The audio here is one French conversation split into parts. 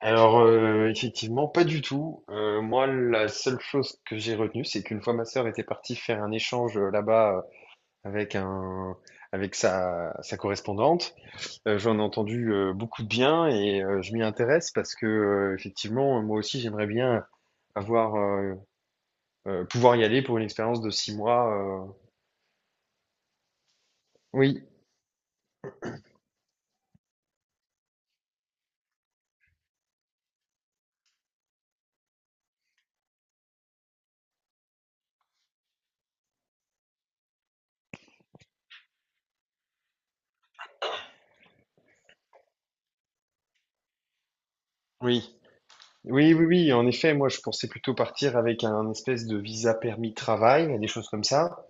Alors, effectivement, pas du tout. Moi, la seule chose que j'ai retenue, c'est qu'une fois ma sœur était partie faire un échange là-bas, avec un, avec sa correspondante. J'en ai entendu beaucoup de bien, et je m'y intéresse parce que, effectivement, moi aussi, j'aimerais bien avoir, euh, pouvoir y aller pour une expérience de 6 mois. Oui, oui. Oui, oui, oui, en effet, moi je pensais plutôt partir avec un espèce de visa permis travail, des choses comme ça.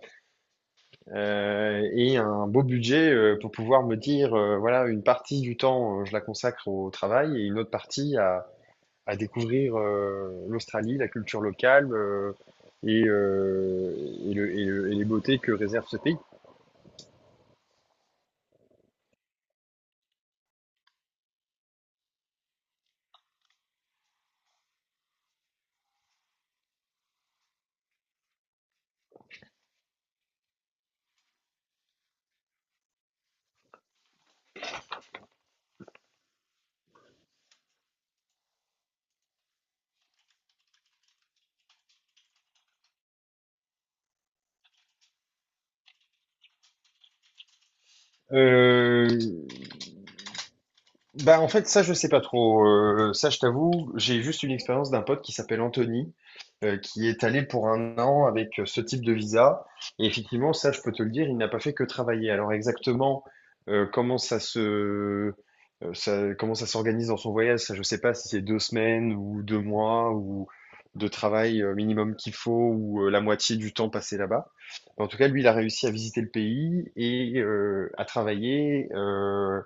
Et un beau budget pour pouvoir me dire, voilà, une partie du temps, je la consacre au travail, et une autre partie à découvrir l'Australie, la culture locale, et, euh, et les beautés que réserve ce pays. Euh, Bah, en fait, ça, je sais pas trop. Ça, je t'avoue, j'ai juste une expérience d'un pote qui s'appelle Anthony, qui est allé pour 1 an avec ce type de visa. Et effectivement, ça, je peux te le dire, il n'a pas fait que travailler. Alors, exactement, euh, comment ça se, comment ça s'organise dans son voyage, ça, je sais pas si c'est 2 semaines ou 2 mois ou de travail minimum qu'il faut, ou la moitié du temps passé là-bas. En tout cas, lui, il a réussi à visiter le pays et à travailler, euh,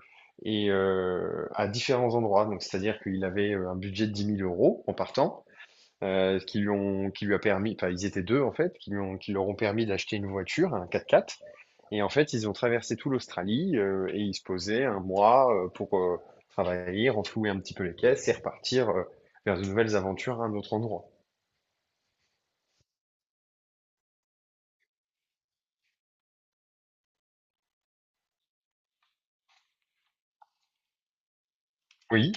et euh, à différents endroits. Donc, c'est-à-dire qu'il avait un budget de 10 000 € en partant, qui lui a permis, enfin, ils étaient deux en fait, qui leur ont permis d'acheter une voiture, un quatre-quatre. Et en fait, ils ont traversé tout l'Australie, et ils se posaient 1 mois pour travailler, renflouer un petit peu les caisses, et repartir vers de nouvelles aventures à un autre endroit. Oui.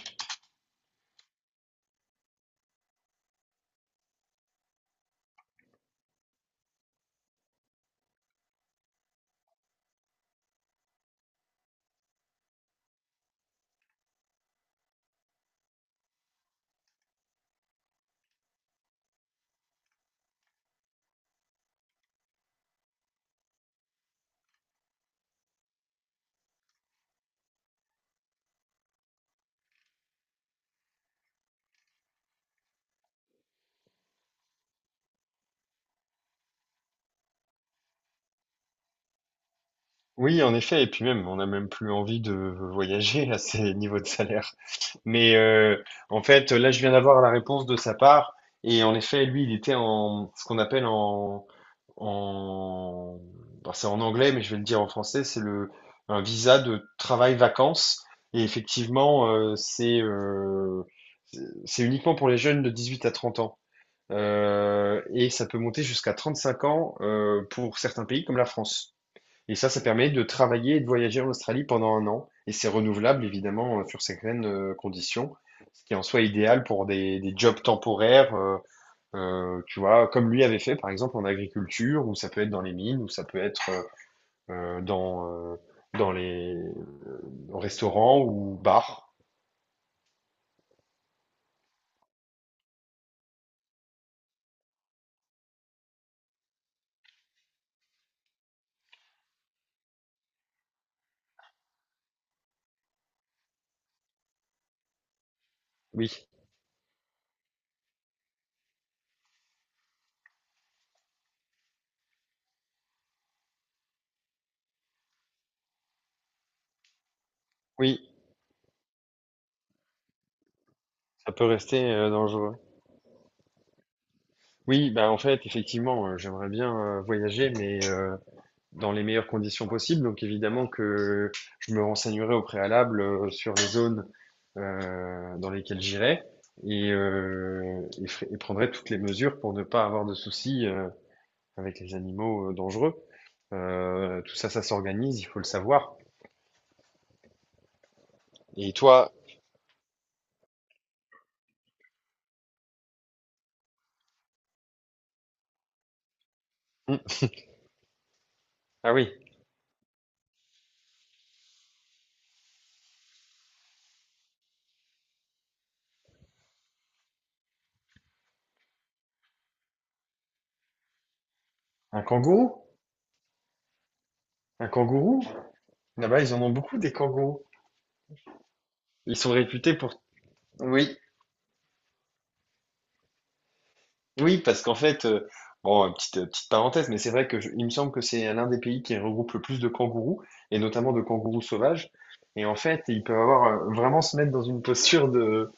Oui, en effet, et puis même, on n'a même plus envie de voyager à ces niveaux de salaire. Mais en fait, là, je viens d'avoir la réponse de sa part, et en effet, lui, il était en ce qu'on appelle en, bon, c'est en anglais, mais je vais le dire en français, c'est le un visa de travail-vacances, et effectivement, c'est uniquement pour les jeunes de 18 à 30 ans. Et ça peut monter jusqu'à 35 ans, pour certains pays comme la France. Et ça permet de travailler et de voyager en Australie pendant 1 an. Et c'est renouvelable, évidemment, sur certaines conditions, ce qui est en soi idéal pour des jobs temporaires, tu vois, comme lui avait fait, par exemple, en agriculture, ou ça peut être dans les mines, ou ça peut être euh, euh, dans, euh, dans les restaurants ou bars. Oui, oui, ça peut rester dangereux. Oui, bah en fait, effectivement, j'aimerais bien voyager, mais... dans les meilleures conditions possibles. Donc évidemment que je me renseignerai au préalable sur les zones dans lesquelles j'irai, et prendrai toutes les mesures pour ne pas avoir de soucis avec les animaux, dangereux. Tout ça, ça s'organise, il faut le savoir. Et toi, hum, ah oui, un kangourou? Un kangourou? Là-bas, ils en ont beaucoup des kangourous. Ils sont réputés pour... Oui. Oui, parce qu'en fait, bon, petite parenthèse, mais c'est vrai que il me semble que c'est l'un des pays qui regroupe le plus de kangourous, et notamment de kangourous sauvages. Et en fait, ils peuvent avoir vraiment se mettre dans une posture de,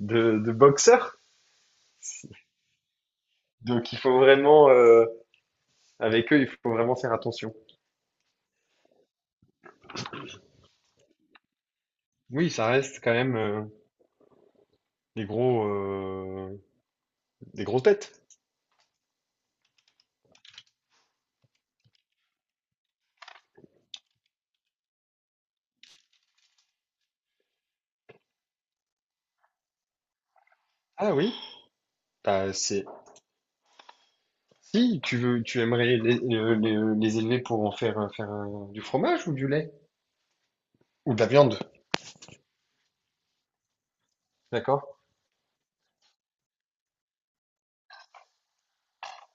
de, de boxeur. Donc il faut vraiment, avec eux, il faut vraiment faire attention. Oui, ça reste quand même des gros, euh, des grosses bêtes. Ah oui, bah, c'est. Si tu veux, tu aimerais les élever pour en faire, du fromage ou du lait? Ou de la viande, d'accord?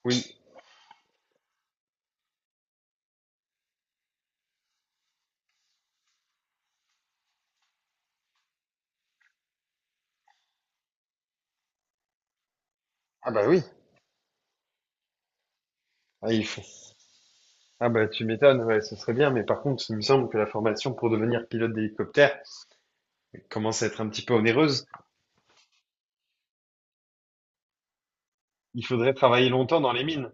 Oui. Ah bah oui, ah, il faut. Ah bah tu m'étonnes, ouais, ce serait bien, mais par contre, il me semble que la formation pour devenir pilote d'hélicoptère commence à être un petit peu onéreuse. Il faudrait travailler longtemps dans les mines.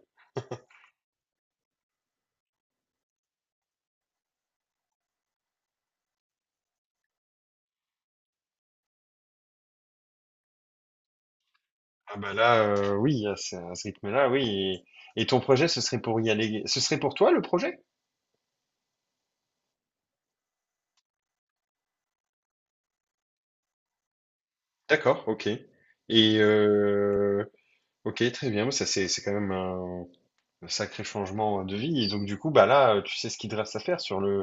Ah bah là, oui, à ce rythme-là, oui. Et ton projet, ce serait pour y aller. Ce serait pour toi le projet? D'accord, ok. Et ok, très bien. Ça c'est quand même un sacré changement de vie. Et donc du coup, bah là, tu sais ce qu'il te reste à faire sur le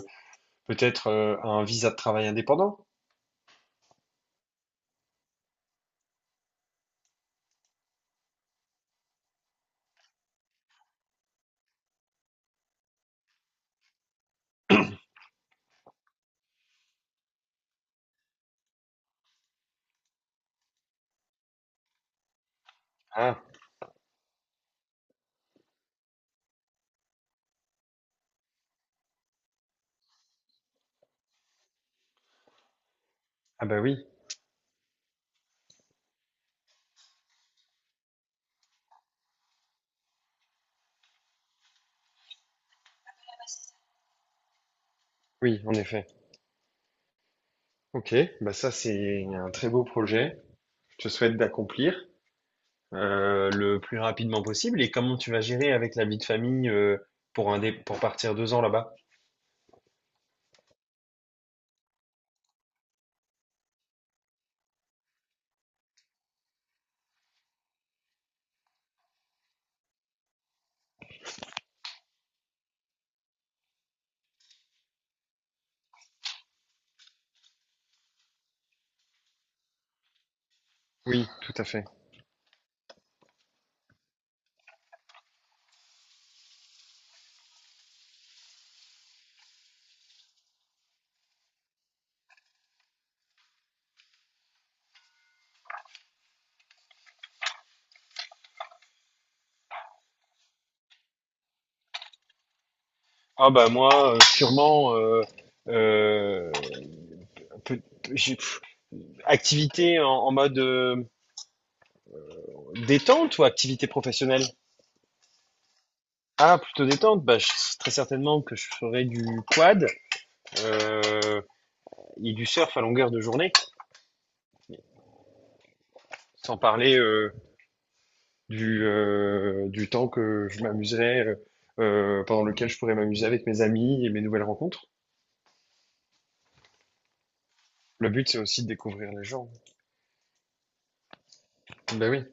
peut-être un visa de travail indépendant. Ah, ah bah oui, oui, en effet. Ok, bah ça c'est un très beau projet. Je te souhaite d'accomplir le plus rapidement possible. Et comment tu vas gérer avec la vie de famille, pour pour partir 2 ans là-bas? Oui, tout à fait. Ah bah moi, sûrement euh, peut- pff, activité en mode détente, ou activité professionnelle? Ah, plutôt détente. Bah, je- très certainement que je ferai du quad, euh, et du surf à longueur de journée, sans parler du temps que je m'amuserais, pendant lequel je pourrais m'amuser avec mes amis et mes nouvelles rencontres. Le but, c'est aussi de découvrir les gens. Bah oui,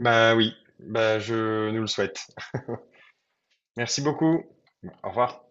bah oui, bah je nous le souhaite. Merci beaucoup. Au revoir.